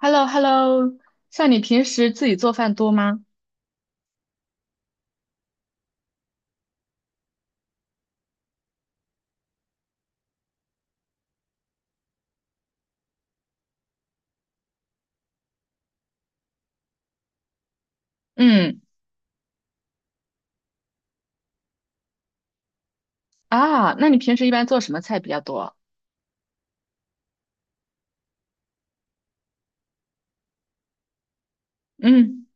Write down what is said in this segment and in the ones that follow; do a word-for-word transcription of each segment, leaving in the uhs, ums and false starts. h e l l o h e l l o 像你平时自己做饭多吗？嗯，啊，那你平时一般做什么菜比较多？嗯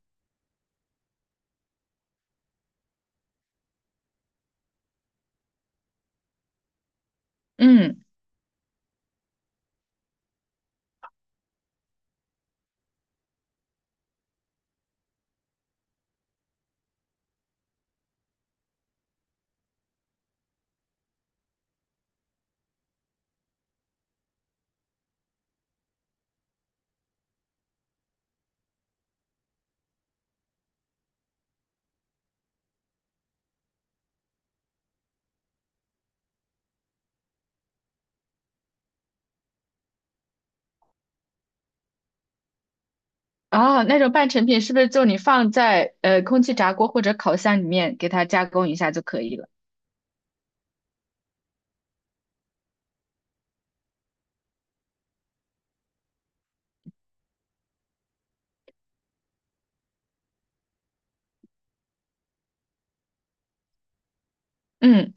嗯，啊，那种半成品是不是就你放在呃空气炸锅或者烤箱里面给它加工一下就可以了？嗯，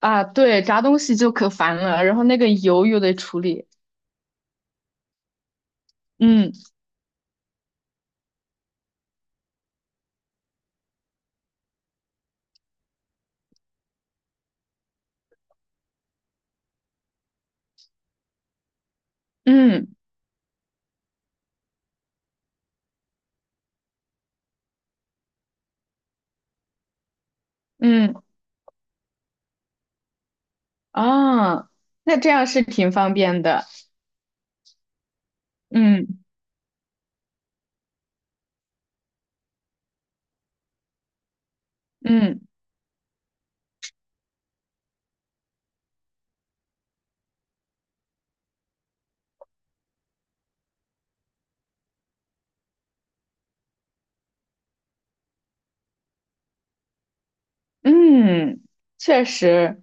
啊，对，炸东西就可烦了，然后那个油又得处理。嗯嗯嗯，啊，那这样是挺方便的。嗯嗯嗯，确实，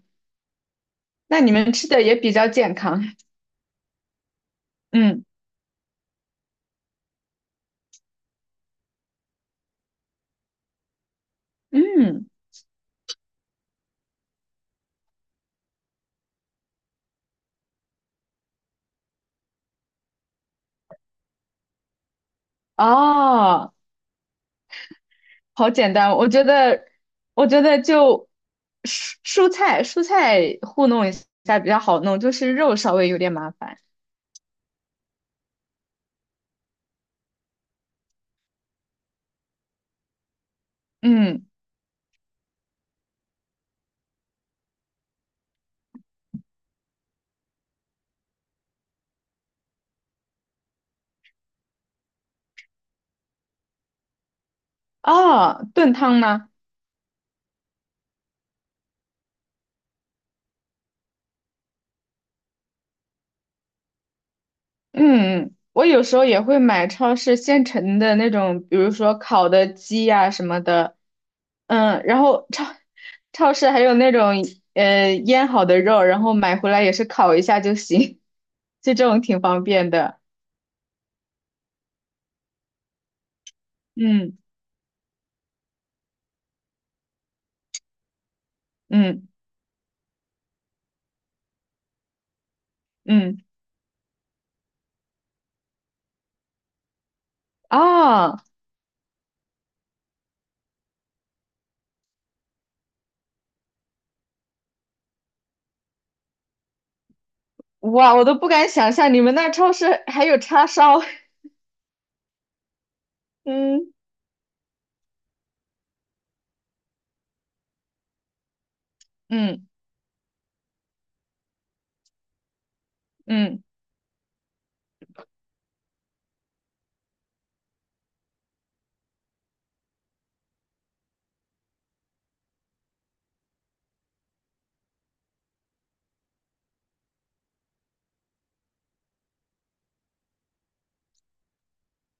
那你们吃的也比较健康。嗯。嗯，哦，好简单。我觉得，我觉得就蔬蔬菜蔬菜糊弄一下比较好弄，就是肉稍微有点麻烦。嗯，哦，炖汤吗？嗯，我有时候也会买超市现成的那种，比如说烤的鸡呀、什么的。嗯，然后超超市还有那种呃腌好的肉，然后买回来也是烤一下就行，就这种挺方便的。嗯嗯嗯。啊，哇，我都不敢想象你们那超市还有叉烧。嗯嗯嗯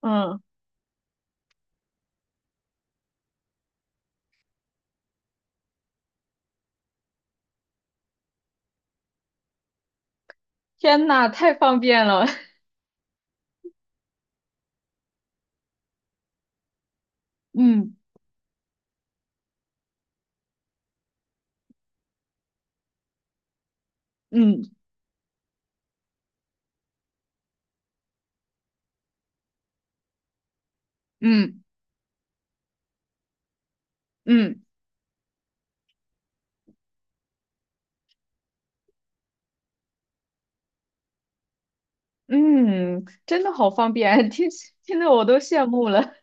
嗯，天呐，太方便了。嗯嗯嗯嗯嗯，真的好方便，听听得我都羡慕了。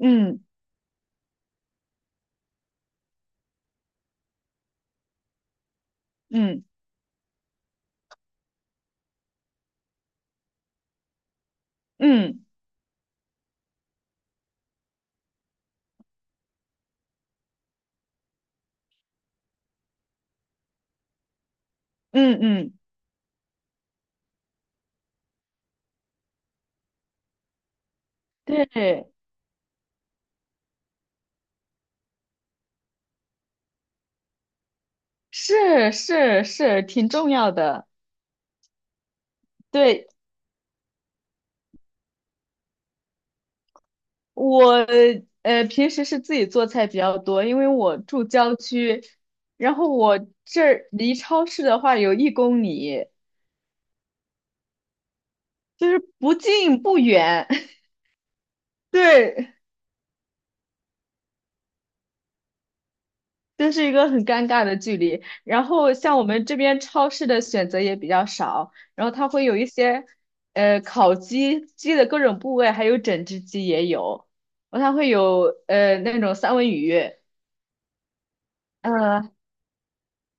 嗯嗯嗯嗯嗯，对，是是是，挺重要的。对，我呃平时是自己做菜比较多，因为我住郊区，然后我这儿离超市的话有一公里，就是不近不远，对，这是一个很尴尬的距离。然后像我们这边超市的选择也比较少，然后它会有一些呃烤鸡，鸡的各种部位，还有整只鸡也有，然后它会有呃那种三文鱼。呃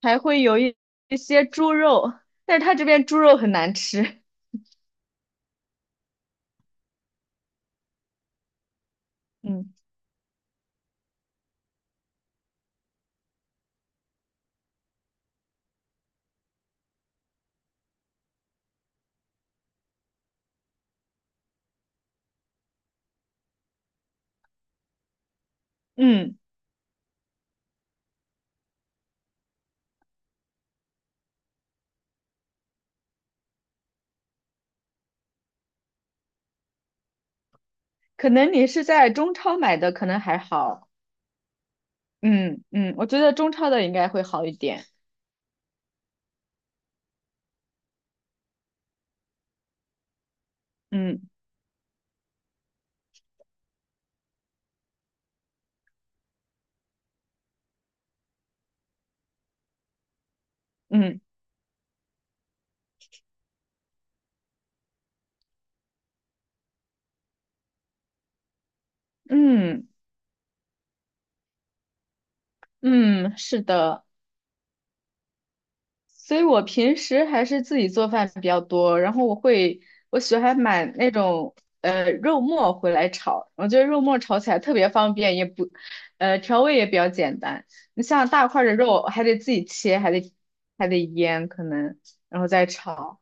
还会有一一些猪肉，但是他这边猪肉很难吃。嗯嗯，可能你是在中超买的，可能还好。嗯嗯，我觉得中超的应该会好一点。嗯嗯嗯嗯，是的。所以我平时还是自己做饭比较多，然后我会，我喜欢买那种呃肉末回来炒，我觉得肉末炒起来特别方便，也不，呃调味也比较简单。你像大块儿的肉还得自己切，还得还得腌可能，然后再炒。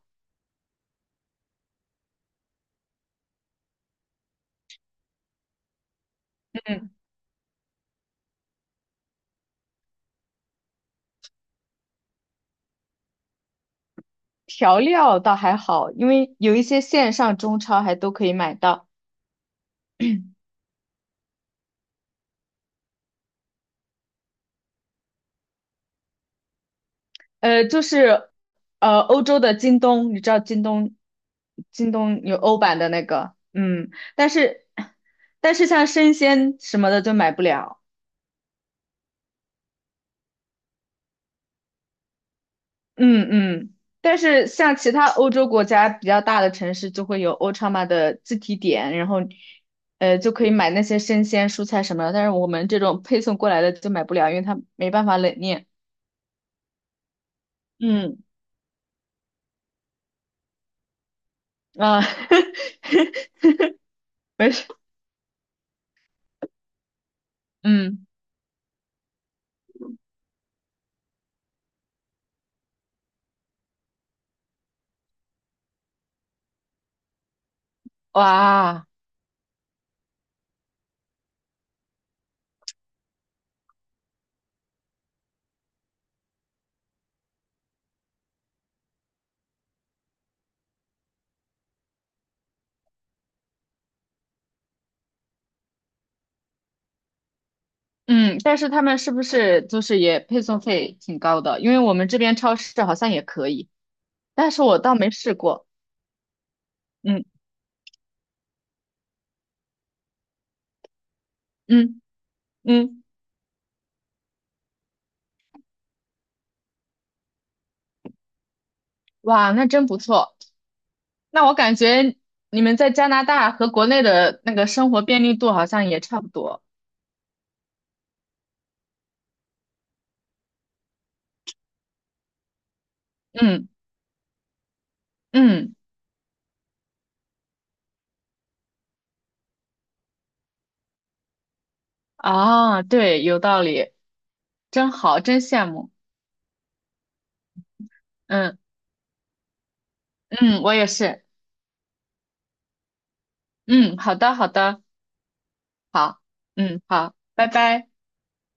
嗯，调料倒还好，因为有一些线上中超还都可以买到。呃，就是呃，欧洲的京东，你知道京东，京东有欧版的那个，嗯，但是但是像生鲜什么的就买不了，嗯嗯，但是像其他欧洲国家比较大的城市就会有欧超嘛的自提点，然后呃就可以买那些生鲜蔬菜什么的，但是我们这种配送过来的就买不了，因为它没办法冷链，嗯啊，没事，嗯，哇。嗯，但是他们是不是就是也配送费挺高的？因为我们这边超市好像也可以，但是我倒没试过。嗯嗯嗯，哇，那真不错。那我感觉你们在加拿大和国内的那个生活便利度好像也差不多。嗯嗯，啊，对，有道理，真好，真羡慕。嗯嗯，我也是。嗯，好的好的，好，嗯好，拜拜。